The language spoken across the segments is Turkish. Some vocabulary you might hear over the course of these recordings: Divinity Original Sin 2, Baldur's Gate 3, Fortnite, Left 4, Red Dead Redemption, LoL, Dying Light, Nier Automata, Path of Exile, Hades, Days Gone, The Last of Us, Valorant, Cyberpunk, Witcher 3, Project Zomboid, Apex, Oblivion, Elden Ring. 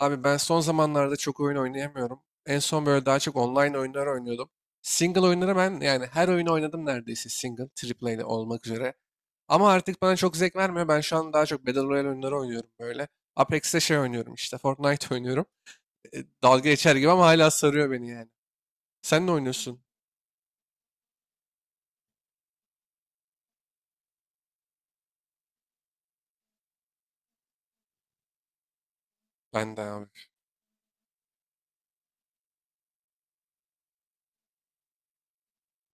Abi ben son zamanlarda çok oyun oynayamıyorum. En son böyle daha çok online oyunlar oynuyordum. Single oyunları ben yani her oyunu oynadım neredeyse single, triple A olmak üzere. Ama artık bana çok zevk vermiyor. Ben şu an daha çok Battle Royale oyunları oynuyorum böyle. Apex'te şey oynuyorum işte Fortnite oynuyorum. E, dalga geçer gibi ama hala sarıyor beni yani. Sen ne oynuyorsun? Ben de abi.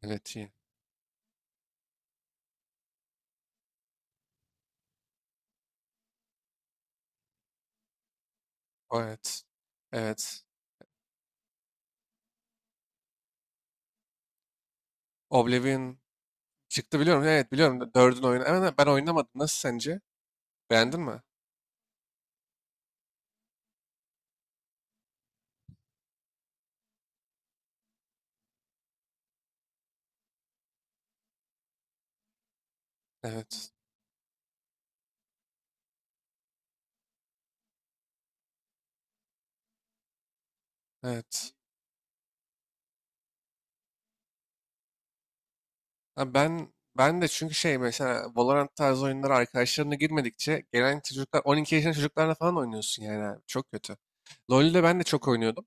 Evet, iyi. Evet. Evet. Oblivion çıktı, biliyorum. Evet, biliyorum. Dördün oyunu. Evet, ben oynamadım. Nasıl sence? Beğendin mi? Evet. Evet. Ha ben de çünkü şey mesela Valorant tarzı oyunlara arkadaşlarına girmedikçe gelen çocuklar 12 yaşında çocuklarla falan oynuyorsun yani abi. Çok kötü. LoL'de ben de çok oynuyordum.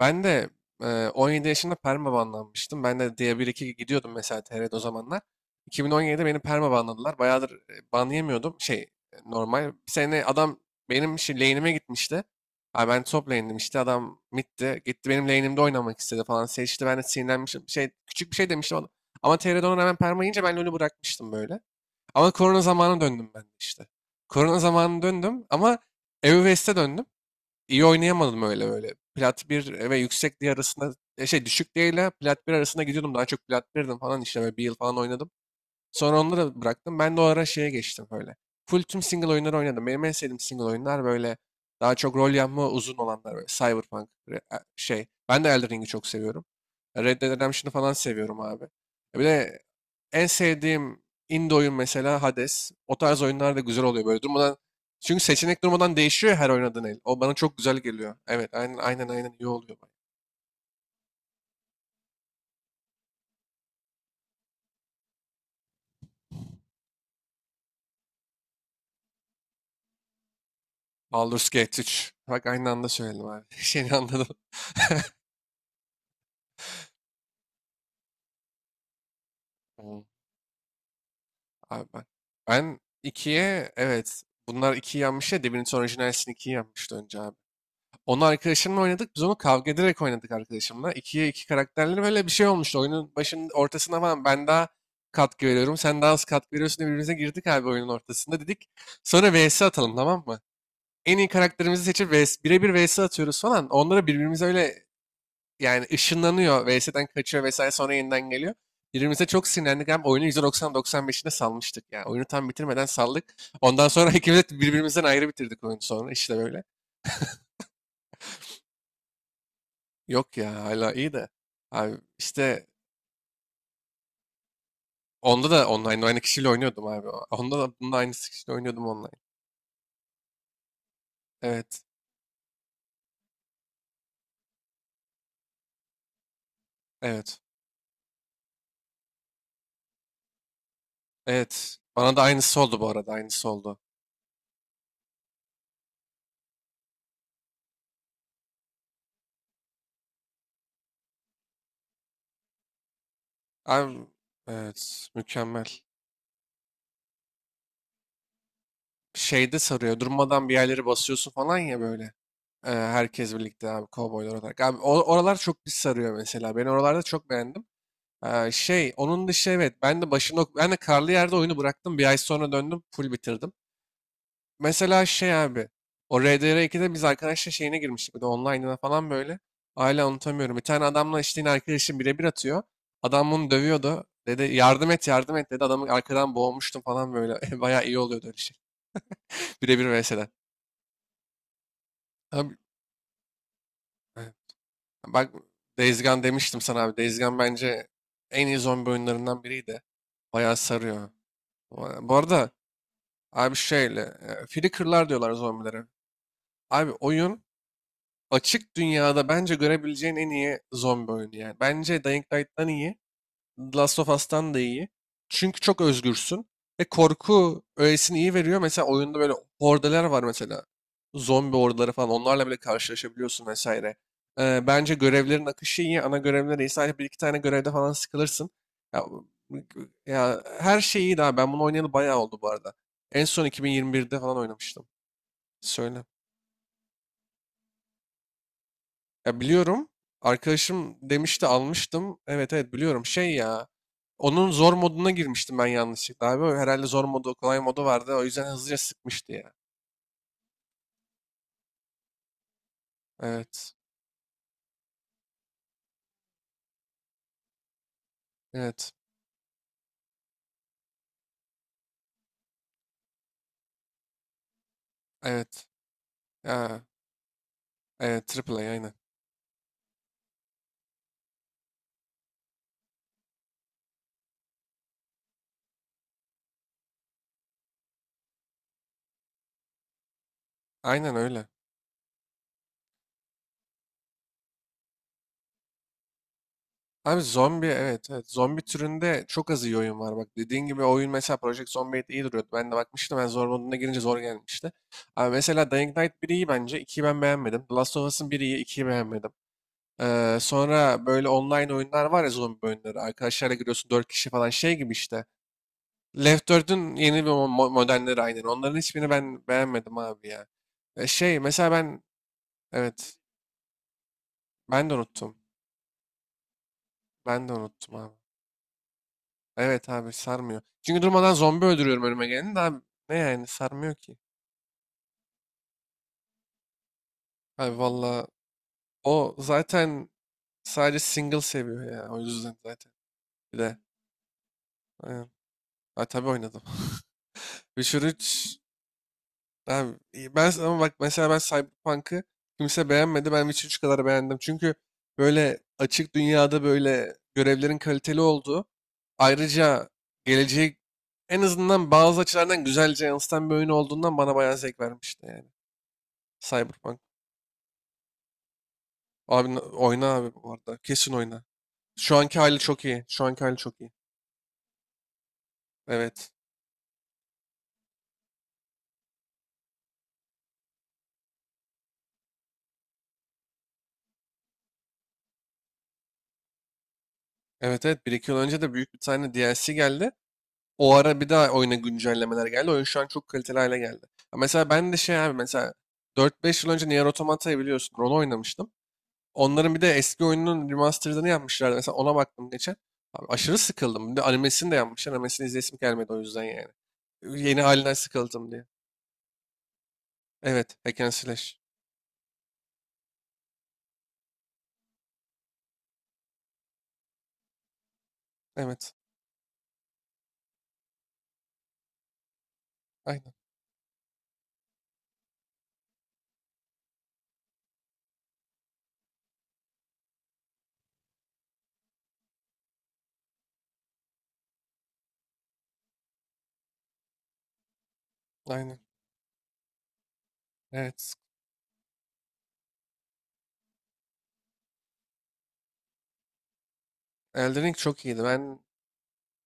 Ben de 17 yaşında perma banlanmıştım. Ben de diye 1-2 gidiyordum mesela TR'de o zamanlar. 2017'de beni perma banladılar. Bayağıdır ban yemiyordum. Normal. Bir sene adam benim lane'ime gitmişti. Abi ben top lane'dim işte adam mid'di. Gitti benim lane'imde oynamak istedi falan. Seçti ben de sinirlenmişim. Küçük bir şey demiştim ona. Ama TR'de ona rağmen perma yiyince ben LoL'ü bırakmıştım böyle. Ama korona zamanı döndüm ben de işte. Korona zamanı döndüm ama EU West'e döndüm. İyi oynayamadım öyle böyle. Plat 1 ve yüksek diye arasında düşük diye ile plat 1 arasında gidiyordum. Daha çok plat 1'dim falan işte böyle bir yıl falan oynadım. Sonra onları bıraktım. Ben de o ara şeye geçtim böyle. Full tüm single oyunları oynadım. Benim en sevdiğim single oyunlar böyle daha çok rol yapma uzun olanlar böyle. Cyberpunk. Ben de Elden Ring'i çok seviyorum. Red Dead Redemption'ı falan seviyorum abi. Bir de en sevdiğim indie oyun mesela Hades. O tarz oyunlar da güzel oluyor böyle durmadan. Çünkü seçenek durmadan değişiyor ya her oynadığın el. O bana çok güzel geliyor. Evet, aynen aynen aynen iyi oluyor, bak. Baldur's Gate 3. Bak aynı anda söyledim abi. Şeyini anladım. Hmm, Abi ben. Ben 2'ye, evet. Bunlar 2'yi yenmiş ya. Divinity Original Sin 2'yi yenmişti önce abi. Onu arkadaşımla oynadık. Biz onu kavga ederek oynadık arkadaşımla. İkiye iki karakterleri böyle bir şey olmuştu. Oyunun başının ortasına falan ben daha katkı veriyorum. Sen daha az katkı veriyorsun diye birbirimize girdik abi oyunun ortasında. Dedik sonra vs atalım, tamam mı? En iyi karakterimizi seçip vs, birebir vs atıyoruz falan. Onlara birbirimize öyle yani ışınlanıyor. Vs'den kaçıyor vesaire sonra yeniden geliyor. Birbirimize çok sinirlendik. Hem oyunu 190-95'ine salmıştık. Yani oyunu tam bitirmeden saldık. Ondan sonra ikimiz de birbirimizden ayrı bitirdik oyunu sonra. İşte böyle. Yok ya, hala iyi de. Abi işte onda da online aynı kişiyle oynuyordum abi. Onda da bunun aynı kişiyle oynuyordum online. Evet. Evet. Evet. Bana da aynısı oldu bu arada. Aynısı oldu. Abi, evet, mükemmel. Şeyde sarıyor. Durmadan bir yerleri basıyorsun falan ya böyle. Herkes birlikte abi kovboylar olarak. Abi oralar çok bir sarıyor mesela. Ben oralarda çok beğendim. Onun dışı, evet ben de başında ok, ben de karlı yerde oyunu bıraktım. Bir ay sonra döndüm full bitirdim. Mesela şey abi. O RDR2'de biz arkadaşla şeyine girmiştik. Bir de online'ına falan böyle. Hala unutamıyorum. Bir tane adamla işte yine arkadaşım birebir atıyor. Adam bunu dövüyordu. Dedi yardım et yardım et dedi. Adamı arkadan boğmuştum falan böyle. Bayağı iyi oluyordu öyle şey. Birebir vs'den. Abi, e, bak Days Gone demiştim sana abi. Days Gone bence en iyi zombi oyunlarından biriydi. Bayağı sarıyor. Bu arada abi şöyle. Flicker'lar diyorlar zombilere. Abi oyun açık dünyada bence görebileceğin en iyi zombi oyunu yani. Bence Dying Light'tan iyi. The Last of Us'tan da iyi. Çünkü çok özgürsün. Ve korku öğesini iyi veriyor. Mesela oyunda böyle hordeler var mesela. Zombi hordeleri falan. Onlarla bile karşılaşabiliyorsun vesaire. Bence görevlerin akışı iyi. Ana görevler iyi. Sadece bir iki tane görevde falan sıkılırsın. Ya, ya her şey iyi daha. Ben bunu oynayalı bayağı oldu bu arada. En son 2021'de falan oynamıştım. Söyle. Ya, biliyorum. Arkadaşım demişti almıştım. Evet evet, biliyorum. Şey ya. Onun zor moduna girmiştim ben yanlışlıkla abi. Herhalde zor modu, kolay modu vardı. O yüzden hızlıca sıkmıştı ya. Evet. Evet. Evet. Ya. Evet. Triple A aynen. Aynen öyle. Abi zombi, evet evet. Zombi türünde çok az iyi oyun var. Bak dediğin gibi oyun mesela Project Zomboid iyi duruyordu. Ben de bakmıştım. Ben zor moduna girince zor gelmişti. Abi mesela Dying Light 1 iyi bence. 2'yi ben beğenmedim. The Last of Us'ın 1 iyi. 2'yi beğenmedim. Sonra böyle online oyunlar var ya zombi oyunları. Arkadaşlarla giriyorsun 4 kişi falan şey gibi işte. Left 4'ün yeni bir modelleri aynen. Onların hiçbirini ben beğenmedim abi ya. Mesela ben evet ben de unuttum. Ben de unuttum abi. Evet abi sarmıyor. Çünkü durmadan zombi öldürüyorum önüme geleni de abi ne yani sarmıyor ki. Abi valla o zaten sadece single seviyor ya. O yüzden zaten. Bir de aynen. Ha, tabii oynadım. Witcher 3. Abi, ben ama bak mesela ben Cyberpunk'ı kimse beğenmedi. Ben Witcher 3 kadar beğendim. Çünkü böyle açık dünyada böyle görevlerin kaliteli olduğu, ayrıca geleceği en azından bazı açılardan güzelce yansıtan bir oyun olduğundan bana bayağı zevk vermişti yani. Cyberpunk. Abi oyna abi bu arada. Kesin oyna. Şu anki hali çok iyi. Şu anki hali çok iyi. Evet. Evet evet. Bir iki yıl önce de büyük bir tane DLC geldi. O ara bir daha oyuna güncellemeler geldi. Oyun şu an çok kaliteli hale geldi. Ya, mesela ben de şey abi mesela dört beş yıl önce Nier Automata'yı biliyorsun. Onu oynamıştım. Onların bir de eski oyununun remastered'ını yapmışlardı. Mesela ona baktım geçen. Abi aşırı sıkıldım. Bir de animesini de yapmışlar. Animesini izlesim gelmedi o yüzden yani. Yeni halinden sıkıldım diye. Evet. Hack and Slash. Evet. Aynen. Aynen. Evet. Elden Ring çok iyiydi. Ben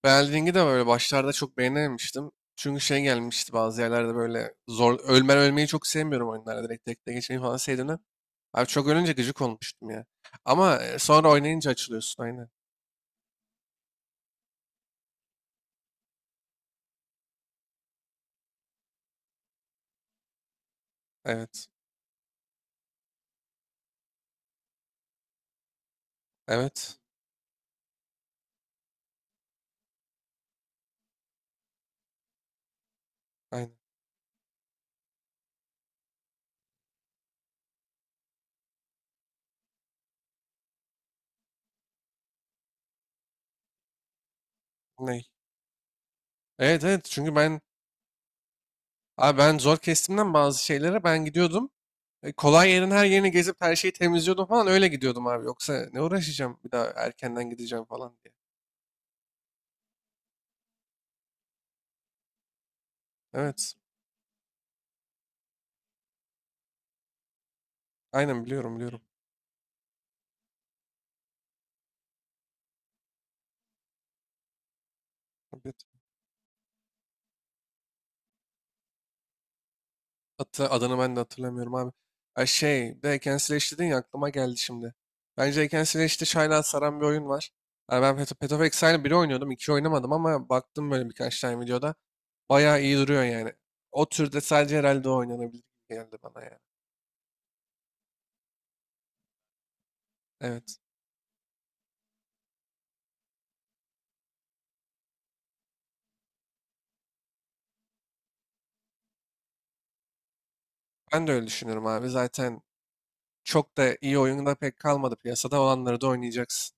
Elden de böyle başlarda çok beğenememiştim. Çünkü şey gelmişti bazı yerlerde böyle zor ölmen ölmeyi çok sevmiyorum oyunlarda direkt tek tek geçmeyi falan sevdiğimden. Abi çok ölünce gıcık olmuştum ya. Ama sonra oynayınca açılıyorsun aynen. Evet. Evet. Aynen. Ney? Evet evet, çünkü ben abi ben zor kestimden bazı şeylere ben gidiyordum. Kolay yerin her yerini gezip her şeyi temizliyordum falan öyle gidiyordum abi. Yoksa ne uğraşacağım bir daha erkenden gideceğim falan diye. Evet. Aynen biliyorum biliyorum. Hatta adını ben de hatırlamıyorum abi. Ay, bir de Hack and Slash dedin ya aklıma geldi şimdi. Bence Hack and Slash'te Shine'a saran bir oyun var. Yani ben Path of Exile'ı bir oynuyordum, iki oynamadım ama baktım böyle birkaç tane videoda. Bayağı iyi duruyor yani. O türde sadece herhalde o oynanabilir gibi geldi bana yani. Evet. Ben de öyle düşünüyorum abi. Zaten çok da iyi oyun pek kalmadı piyasada. Olanları da oynayacaksın.